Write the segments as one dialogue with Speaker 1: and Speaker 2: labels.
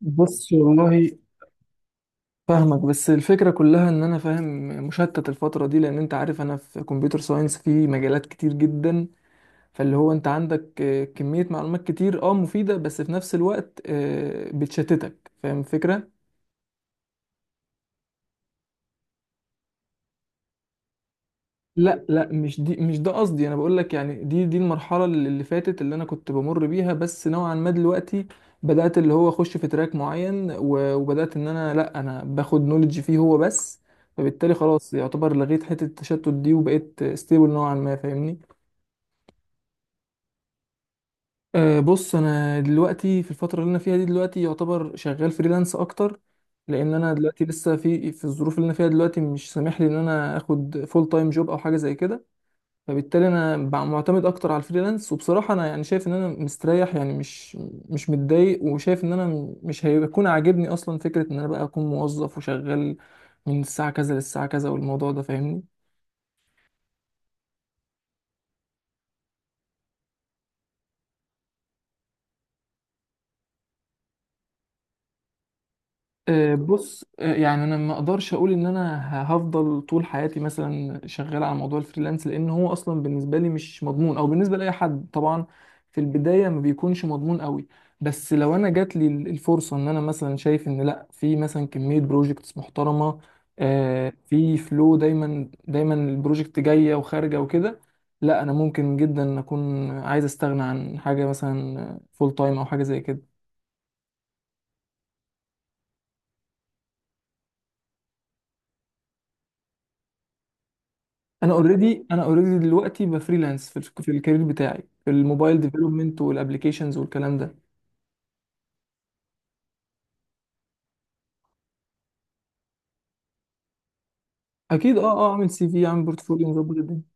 Speaker 1: بص والله، فاهمك. بس الفكرة كلها ان انا فاهم، مشتت الفترة دي لان انت عارف انا في كمبيوتر ساينس في مجالات كتير جدا. فاللي هو انت عندك كمية معلومات كتير مفيدة بس في نفس الوقت بتشتتك، فاهم الفكرة. لا لا، مش دي، مش ده قصدي. انا بقول لك يعني دي المرحله اللي فاتت اللي انا كنت بمر بيها، بس نوعا ما دلوقتي بدات اللي هو اخش في تراك معين وبدات ان انا لا، انا باخد نولج فيه هو بس. فبالتالي خلاص يعتبر لغيت حته التشتت دي وبقيت ستيبل نوعا ما، فاهمني. أه، بص، انا دلوقتي في الفتره اللي انا فيها دي دلوقتي يعتبر شغال فريلانس اكتر، لان انا دلوقتي لسه في الظروف اللي انا فيها دلوقتي مش سامح لي ان انا اخد فول تايم جوب او حاجه زي كده. فبالتالي انا معتمد اكتر على الفريلانس، وبصراحه انا يعني شايف ان انا مستريح، يعني مش مش متضايق، وشايف ان انا مش هيكون عاجبني اصلا فكره ان انا بقى اكون موظف وشغال من الساعه كذا للساعه كذا والموضوع ده، فاهمني. بص، يعني انا ما اقدرش اقول ان انا هفضل طول حياتي مثلا شغال على موضوع الفريلانس، لان هو اصلا بالنسبه لي مش مضمون، او بالنسبه لاي حد طبعا في البدايه ما بيكونش مضمون قوي. بس لو انا جات لي الفرصه ان انا مثلا شايف ان لا، في مثلا كميه بروجكتس محترمه، في فلو دايما البروجكت جايه وخارجه وكده، لا انا ممكن جدا اكون عايز استغنى عن حاجه مثلا فول تايم او حاجه زي كده. انا اوريدي، انا اوريدي دلوقتي بفريلانس في في الكارير بتاعي في الموبايل ديفلوبمنت والابلكيشنز والكلام ده. اكيد، اعمل سي في، اعمل بورتفوليو، مظبط الدنيا.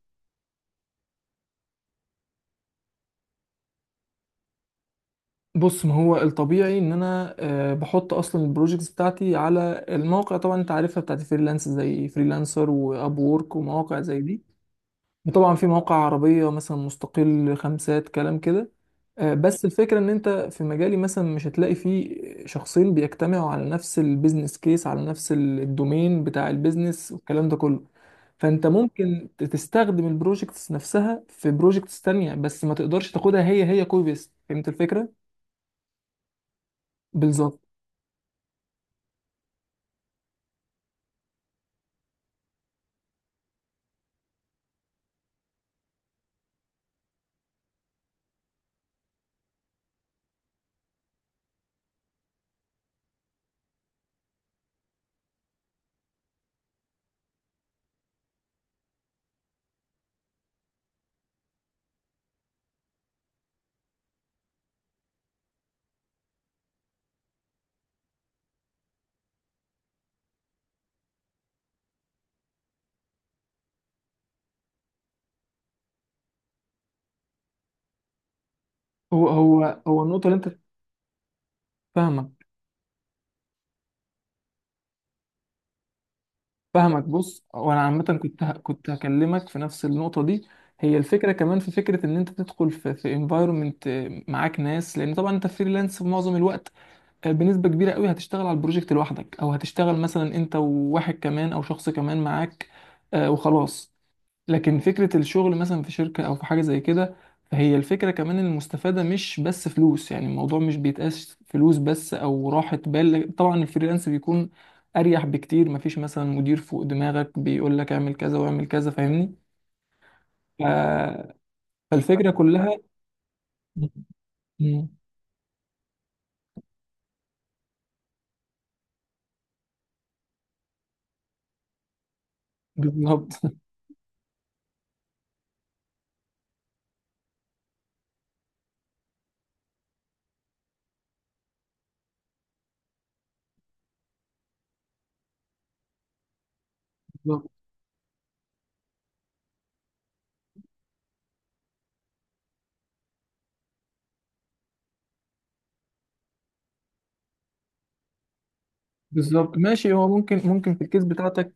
Speaker 1: بص، ما هو الطبيعي ان انا بحط اصلا البروجكتس بتاعتي على المواقع طبعا انت عارفها، بتاعت فريلانس زي فريلانسر، واب وورك، ومواقع زي دي. وطبعا في مواقع عربية مثلا مستقل، خمسات، كلام كده. بس الفكرة ان انت في مجالي مثلا مش هتلاقي فيه شخصين بيجتمعوا على نفس البيزنس كيس، على نفس الدومين بتاع البيزنس والكلام ده كله. فانت ممكن تستخدم البروجكتس نفسها في بروجكتس تانية، بس ما تقدرش تاخدها هي هي كوبي بيست، فهمت الفكرة؟ بالظبط. هو النقطة اللي انت فاهمة. فاهمك. بص، وانا عامه كنت كنت هكلمك في نفس النقطه دي. هي الفكره كمان، في فكره ان انت تدخل في انفايرمنت معاك ناس، لان طبعا انت فريلانس في معظم الوقت، بنسبه كبيره قوي هتشتغل على البروجكت لوحدك، او هتشتغل مثلا انت وواحد كمان او شخص كمان معاك، وخلاص. لكن فكرة الشغل مثلا في شركة أو في حاجة زي كده، فهي الفكرة كمان إن المستفادة مش بس فلوس، يعني الموضوع مش بيتقاس فلوس بس أو راحة بال. طبعا الفريلانس بيكون أريح بكتير، مفيش مثلا مدير فوق دماغك بيقول لك اعمل كذا واعمل كذا، فاهمني. ف- فالفكرة كلها م- م- بالظبط. بالظبط. بالظبط، ماشي. هو ممكن، ممكن في الكيس بتاعتك.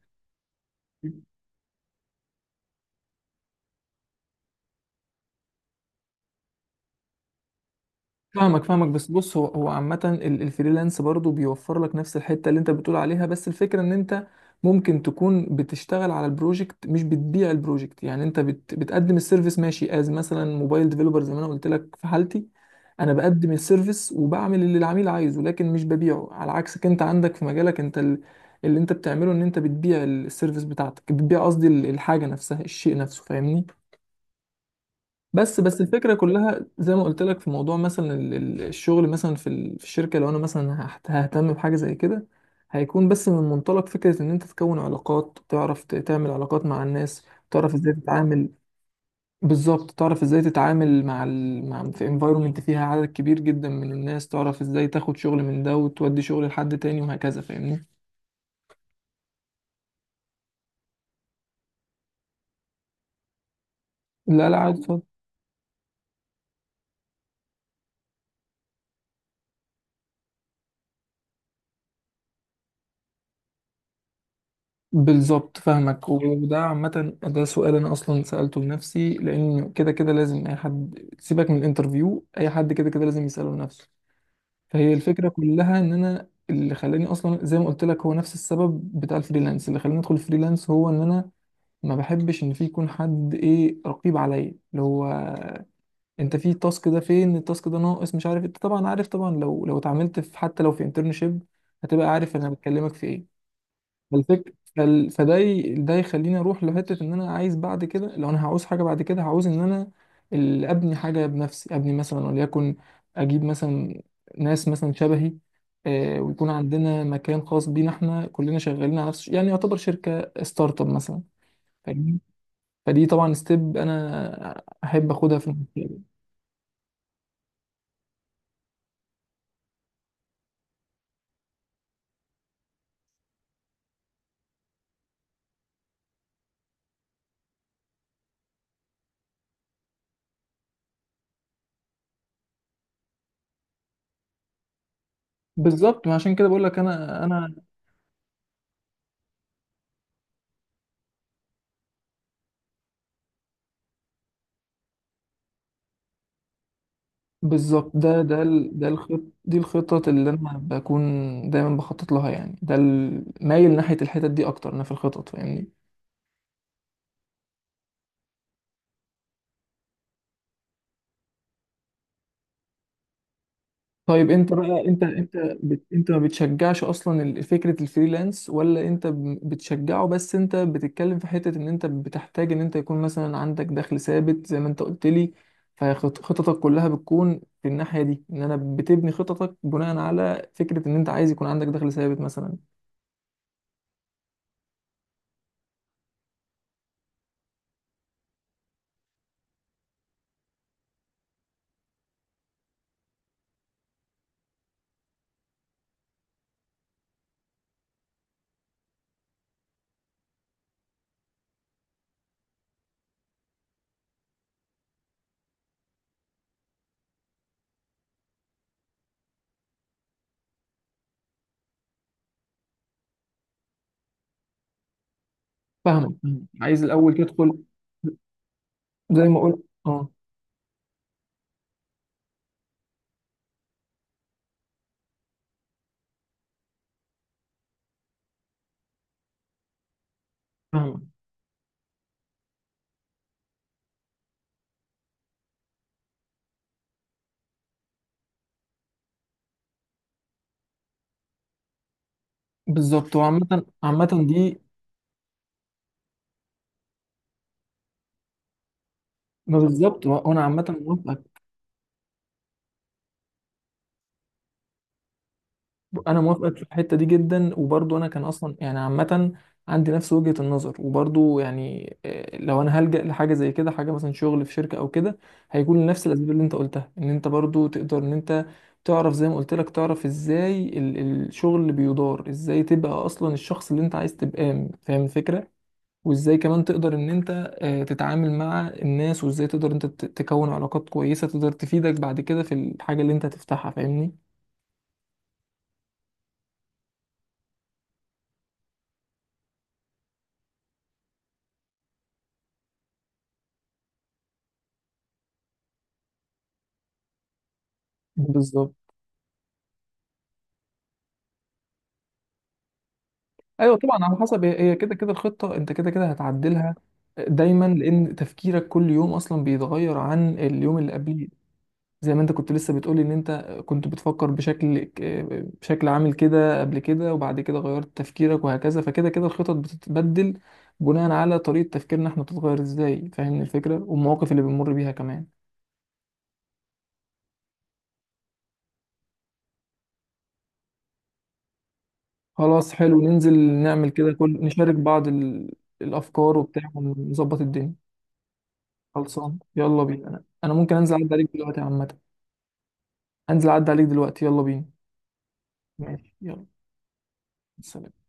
Speaker 1: فاهمك، فاهمك. بس بص، هو هو عامة الفريلانس برضو بيوفر لك نفس الحتة اللي انت بتقول عليها، بس الفكرة ان انت ممكن تكون بتشتغل على البروجكت، مش بتبيع البروجكت. يعني انت بتقدم السيرفيس، ماشي، از مثلا موبايل ديفلوبر زي ما انا قلت لك في حالتي، انا بقدم السيرفيس وبعمل اللي العميل عايزه، لكن مش ببيعه. على عكسك انت، عندك في مجالك انت اللي انت بتعمله ان انت بتبيع السيرفيس بتاعتك، بتبيع قصدي الحاجة نفسها، الشيء نفسه، فاهمني. بس بس الفكرة كلها زي ما قلت لك، في موضوع مثلا الشغل مثلا في في الشركة، لو انا مثلا ههتم بحاجة زي كده، هيكون بس من منطلق فكرة ان انت تكون علاقات، تعرف تعمل علاقات مع الناس، تعرف ازاي تتعامل. بالظبط، تعرف ازاي تتعامل مع ال... مع في انفايرومنت فيها عدد كبير جدا من الناس، تعرف ازاي تاخد شغل من ده وتودي شغل لحد تاني وهكذا، فاهمني. لا لا عادي. بالظبط فاهمك. وده عامة ده سؤال أنا أصلا سألته لنفسي، لأن كده كده لازم أي حد، سيبك من الانترفيو، أي حد كده كده لازم يسأله لنفسه. فهي الفكرة كلها إن أنا، اللي خلاني أصلا زي ما قلت لك هو نفس السبب بتاع الفريلانس اللي خلاني أدخل الفريلانس، هو إن أنا ما بحبش إن في يكون حد إيه، رقيب عليا، اللي هو أنت في التاسك ده، فين التاسك ده ناقص، مش عارف. أنت طبعا عارف، طبعا لو اتعاملت في، حتى لو في انترنشيب، هتبقى عارف أنا بتكلمك في إيه. فالفك... فال... فده ي... ده يخليني اروح لحته ان انا عايز بعد كده، لو انا هعوز حاجه بعد كده هعوز ان انا ابني حاجه بنفسي، ابني مثلا وليكن، اجيب مثلا ناس مثلا شبهي، آه، ويكون عندنا مكان خاص بينا احنا كلنا شغالين على نفس، يعني يعتبر شركه ستارت اب مثلا، فاهمني. فدي طبعا ستيب انا احب اخدها في المستقبل. بالظبط، ما عشان كده بقول لك. انا انا بالظبط، ده الخط، دي الخطط اللي انا بكون دايما بخطط لها، يعني ده مايل ناحية الحتت دي اكتر انا في الخطط، فاهمني. طيب انت بقى، انت ما بتشجعش اصلا فكرة الفريلانس، ولا انت بتشجعه، بس انت بتتكلم في حتة ان انت بتحتاج ان انت يكون مثلا عندك دخل ثابت زي ما انت قلت لي؟ فخططك كلها بتكون في الناحية دي، ان انا بتبني خططك بناء على فكرة ان انت عايز يكون عندك دخل ثابت مثلا. فاهمك، فاهمك. عايز الاول تدخل زي ما قلت، اه. فاهمة، بالظبط. وعامة عامة دي، ما بالظبط، وانا عامة موافقك. انا موافقك في الحتة دي جدا، وبرضو انا كان اصلا يعني عامة عندي نفس وجهة النظر، وبرضو يعني لو انا هلجأ لحاجة زي كده، حاجة مثلا شغل في شركة او كده، هيكون لنفس الاسباب اللي انت قلتها، ان انت برضو تقدر ان انت تعرف زي ما قلت لك، تعرف ازاي الشغل اللي بيدار، ازاي تبقى اصلا الشخص اللي انت عايز تبقى، فاهم الفكرة. وازاي كمان تقدر ان انت تتعامل مع الناس، وازاي تقدر انت تكون علاقات كويسة تقدر تفيدك بعد كده في الحاجة اللي انت هتفتحها، فاهمني. بالظبط. ايوه طبعا على حسب، هي هي كده كده الخطة انت كده كده هتعدلها دايما، لان تفكيرك كل يوم اصلا بيتغير عن اليوم اللي قبله. زي ما انت كنت لسه بتقولي ان انت كنت بتفكر بشكل عامل كده قبل كده، وبعد كده غيرت تفكيرك، وهكذا. فكده كده الخطط بتتبدل بناء على طريقة تفكيرنا احنا بتتغير ازاي، فاهمني الفكرة، والمواقف اللي بنمر بيها كمان. خلاص حلو، ننزل نعمل كده، كل نشارك بعض ال... الافكار وبتاع ونظبط الدنيا. خلصان، يلا بينا. انا ممكن انزل اعدي عليك دلوقتي عامة. انزل اعدي عليك دلوقتي، يلا بينا. ماشي، يلا. سلام.